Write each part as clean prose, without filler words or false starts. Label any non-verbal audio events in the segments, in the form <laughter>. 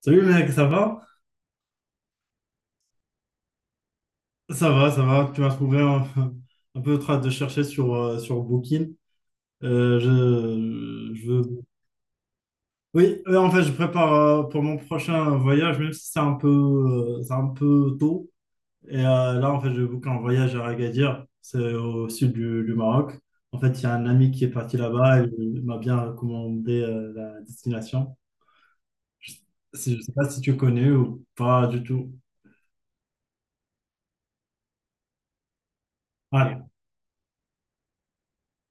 Salut mec, ça va? Ça va, ça va. Tu m'as trouvé un peu en train de chercher sur Booking. Je veux... Oui, en fait, je prépare pour mon prochain voyage, même si c'est un peu, c'est un peu tôt. Et là, en fait, je book un voyage à Agadir, c'est au sud du Maroc. En fait, il y a un ami qui est parti là-bas et il m'a bien recommandé la destination. Je ne sais pas si tu connais ou pas du tout. Ouais.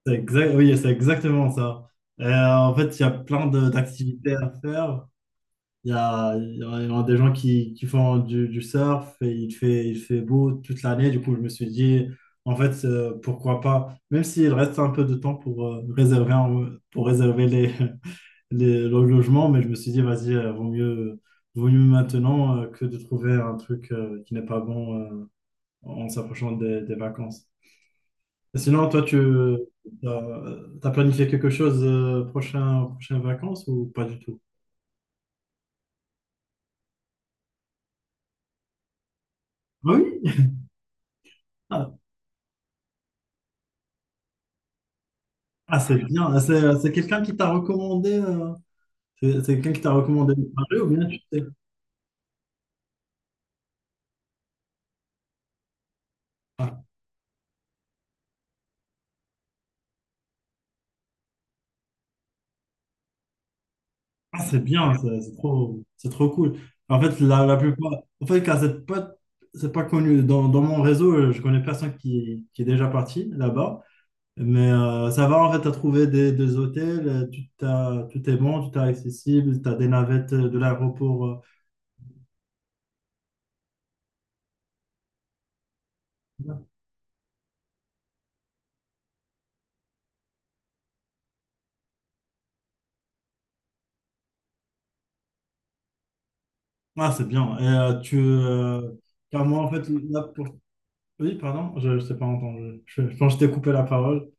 C'est exact, oui, c'est exactement ça. En fait, il y a plein d'activités à faire. Il y a, il y a des gens qui font du surf et il fait beau toute l'année. Du coup, je me suis dit, en fait, pourquoi pas, même s'il reste un peu de temps pour réserver, pour réserver les, <laughs> les, le logement, mais je me suis dit, vas-y, vaut mieux maintenant que de trouver un truc qui n'est pas bon en s'approchant des vacances. Sinon, toi, tu as planifié quelque chose prochain, prochaines vacances ou pas du tout? Ah oui. Ah, ah, c'est bien. Ah, c'est quelqu'un qui t'a recommandé. C'est quelqu'un qui t'a recommandé le projet ou bien tu sais. Ah, ah, c'est bien. C'est trop, c'est trop cool. En fait, la plupart. En fait, car c'est pas connu. Dans, dans mon réseau, je connais personne qui est déjà parti là-bas. Mais ça va, en fait, tu as trouvé des hôtels, tout, tout est bon, tout est accessible, tu as des navettes de l'aéroport ah, c'est bien. Et tu. Car moi, en fait, là, pour... Oui, pardon, je ne t'ai pas entendu. Je pense que je t'ai coupé la parole.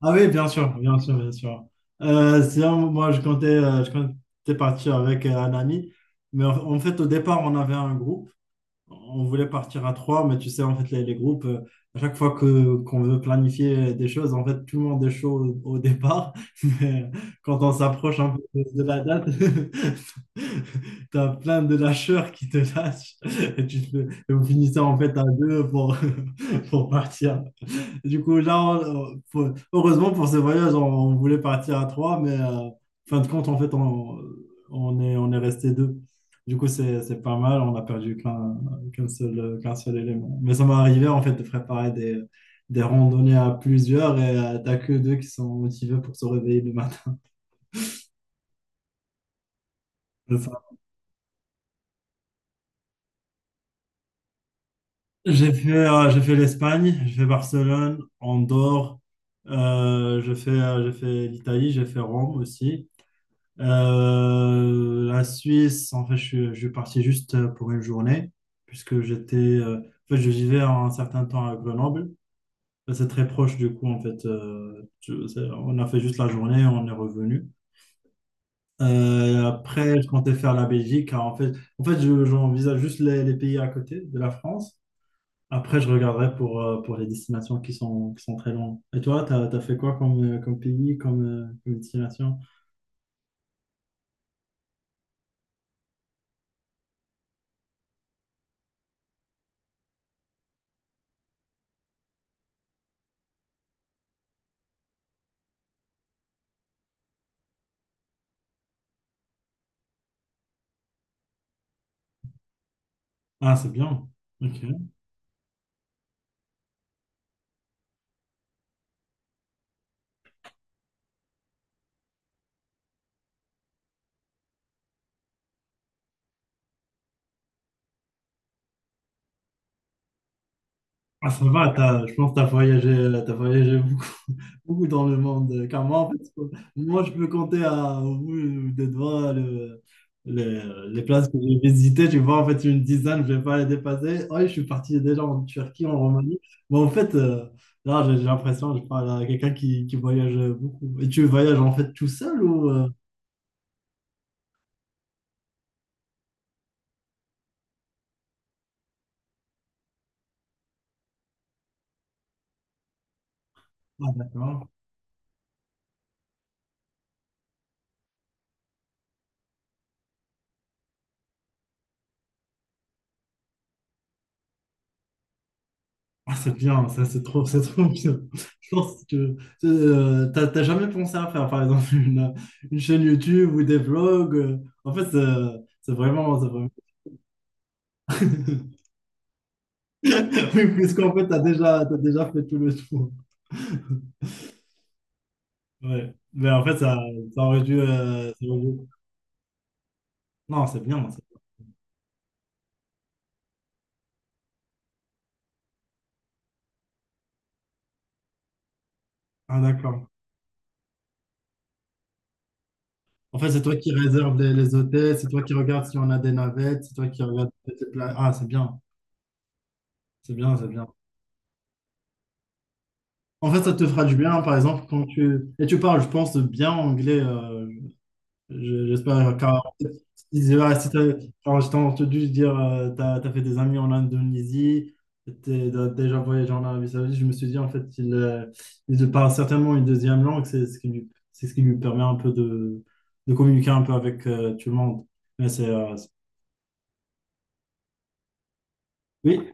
Ah oui, bien sûr, bien sûr, bien sûr. Sinon, moi, je comptais partir avec un ami. Mais en fait, au départ, on avait un groupe. On voulait partir à trois, mais tu sais, en fait, les groupes, à chaque fois que qu'on veut planifier des choses, en fait, tout le monde est chaud au départ. <laughs> Mais quand on s'approche un peu de la date, <laughs> tu as plein de lâcheurs qui te lâchent et et vous finissez en fait à deux pour, <laughs> pour partir. Du coup, là, heureusement pour ce voyage, on voulait partir à trois, mais fin de compte, en fait, on est resté deux. Du coup, c'est pas mal, on a perdu qu'un seul élément. Mais ça m'est arrivé, en fait, de préparer des randonnées à plusieurs et t'as que deux qui sont motivés pour se réveiller le matin. <laughs> C'est ça. J'ai fait l'Espagne, j'ai fait Barcelone, Andorre, j'ai fait l'Italie, j'ai fait Rome aussi. La Suisse, en fait, je suis parti juste pour une journée, puisque j'étais, en fait, je vivais un certain temps à Grenoble. C'est très proche, du coup, en fait, on a fait juste la journée, on est revenu. Après, je comptais faire la Belgique. Car en fait, j'envisage juste les pays à côté de la France. Après, je regarderai pour les destinations qui sont très loin. Et toi, t'as fait quoi comme, comme pays, comme, comme destination? Ah, c'est bien. OK. Ah, ça va, je pense que tu as voyagé, t'as voyagé beaucoup, <laughs> beaucoup dans le monde. Car moi, en fait, moi, je peux compter à, au bout des doigts les places que j'ai visitées. Tu vois, en fait, une dizaine, je ne vais pas les dépasser. Oui, je suis parti déjà en Turquie, en Roumanie. Mais en fait, là, j'ai l'impression que je parle à quelqu'un qui voyage beaucoup. Et tu voyages, en fait, tout seul ou... ah, d'accord. Ah, c'est bien, ça c'est trop <laughs> bien. Je pense que t'as jamais pensé à faire par exemple une chaîne YouTube ou des vlogs. En fait, c'est vraiment, c'est vraiment. <laughs> Oui, puisqu'en fait, t'as déjà fait tout le tour. Ouais. Mais en fait, ça aurait dû. Non, c'est bien. Ah, d'accord. En fait, c'est toi qui réserve les hôtels, c'est toi qui regarde si on a des navettes, c'est toi qui regarde. Ah, c'est bien, c'est bien, c'est bien. En fait, ça te fera du bien, par exemple, quand tu... Et tu parles, je pense, bien anglais. Je- j'espère, car si si, ah, si t'as- si t'as- quand je t'ai entendu dire t'as fait des amis en Indonésie, t'as déjà voyagé en Arabie Saoudite, je me suis dit, en fait, il parle certainement une deuxième langue. C'est ce c'est ce qui lui permet un peu de communiquer un peu avec tout le monde. Mais c'est... oui,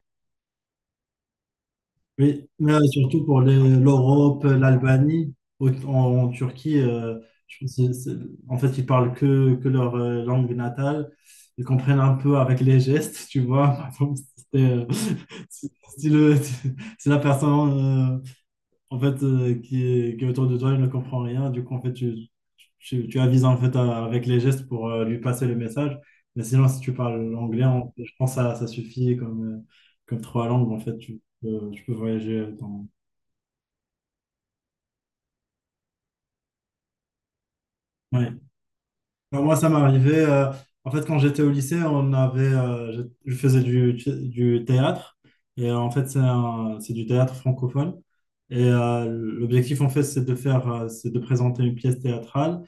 oui, mais surtout pour l'Europe, l'Albanie, en, en Turquie, je pense que en fait, ils parlent que leur langue natale. Ils comprennent un peu avec les gestes, tu vois. <laughs> Par exemple, c'est, <laughs> si, si le- si la personne en fait, qui est autour de toi, il ne comprend rien. Du coup, en fait, tu avises en fait avec les gestes pour lui passer le message. Mais sinon, si tu parles anglais, fait, je pense que ça suffit comme, comme trois langues. En fait, tu peux voyager dans... Ouais. Alors, moi, ça m'est arrivé. En fait, quand j'étais au lycée, on avait, je faisais du théâtre. Et en fait, c'est c'est du théâtre francophone. Et l'objectif, en fait, c'est de faire, c'est de présenter une pièce théâtrale.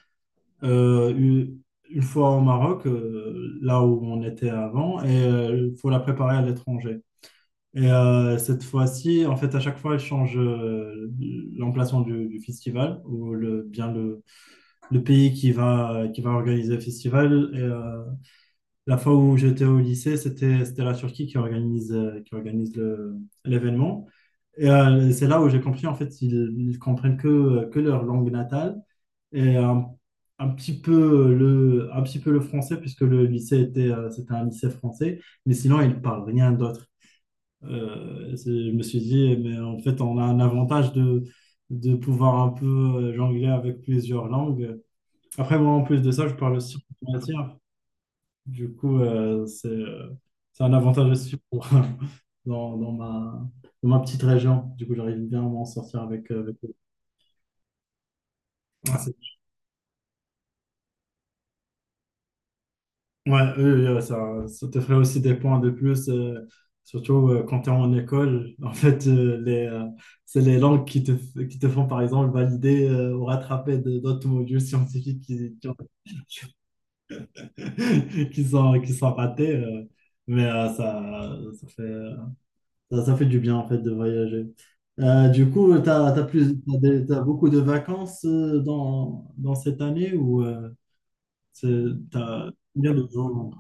euh, une, une fois au Maroc, là où on était avant, et il faut la préparer à l'étranger. Et cette fois-ci, en fait, à chaque fois, elle change l'emplacement du festival ou le, bien le pays qui va organiser le festival. Et, la fois où j'étais au lycée, c'était, c'était la Turquie qui organise l'événement. Et c'est là où j'ai compris, en fait, ils comprennent que leur langue natale et un petit peu un petit peu le français, puisque le lycée était, c'était un lycée français, mais sinon, il ne parle rien d'autre. Je me suis dit, mais en fait, on a un avantage de pouvoir un peu jongler avec plusieurs langues. Après, moi, en plus de ça, je parle aussi matière. Du coup, c'est un avantage aussi pour- <laughs> dans, dans ma petite région. Du coup, j'arrive bien à m'en sortir avec, avec... eux. Ouais, eux, ça, ça te ferait aussi des points de plus, surtout quand tu es en école. <laughs> En fait, les, c'est les langues qui te, qui te font, par exemple, valider ou rattraper d'autres modules <laughs> scientifiques qui, ont- <laughs> qui sont ratés. Mais ça fait, ça fait du bien, en fait, de voyager. Du coup, t'as des- t'as beaucoup de vacances dans, dans cette année ou c'est- t'as combien de jours?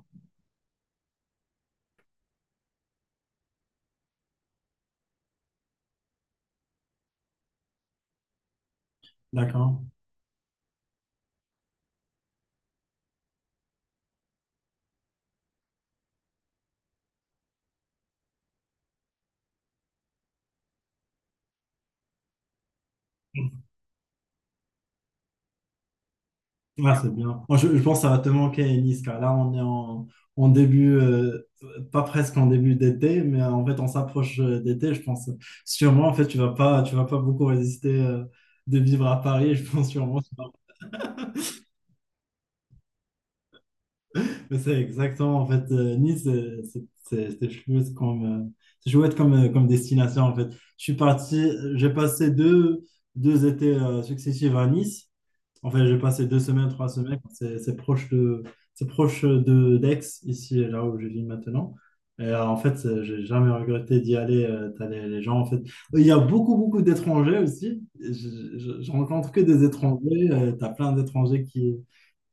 D'accord. Ah c'est bien. Moi, je pense que ça va te manquer, Nice, car là, on est en début, pas presque en début d'été, mais en fait, on s'approche d'été, je pense. Sûrement, en fait, tu vas pas beaucoup résister de vivre à Paris, je pense sûrement. Mais c'est exactement, en fait, Nice, c'est chouette comme, comme destination, en fait. Je suis parti, j'ai passé deux, deux étés successifs à Nice. En fait, j'ai passé deux semaines, trois semaines. C'est proche de d'Aix, ici, là où je vis maintenant. Et en fait, j'ai jamais regretté d'y aller. T'as les gens, en fait. Il y a beaucoup, beaucoup d'étrangers aussi. Je rencontre que des étrangers. T'as plein d'étrangers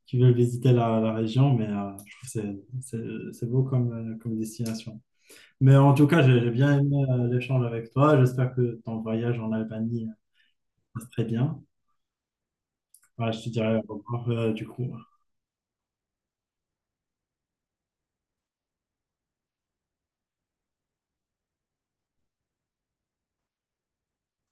qui veulent visiter la, la région, mais je trouve que c'est beau comme, comme destination. Mais en tout cas, j'ai bien aimé l'échange avec toi. J'espère que ton voyage en Albanie se passe très bien. Voilà, je te dirai au revoir du coup.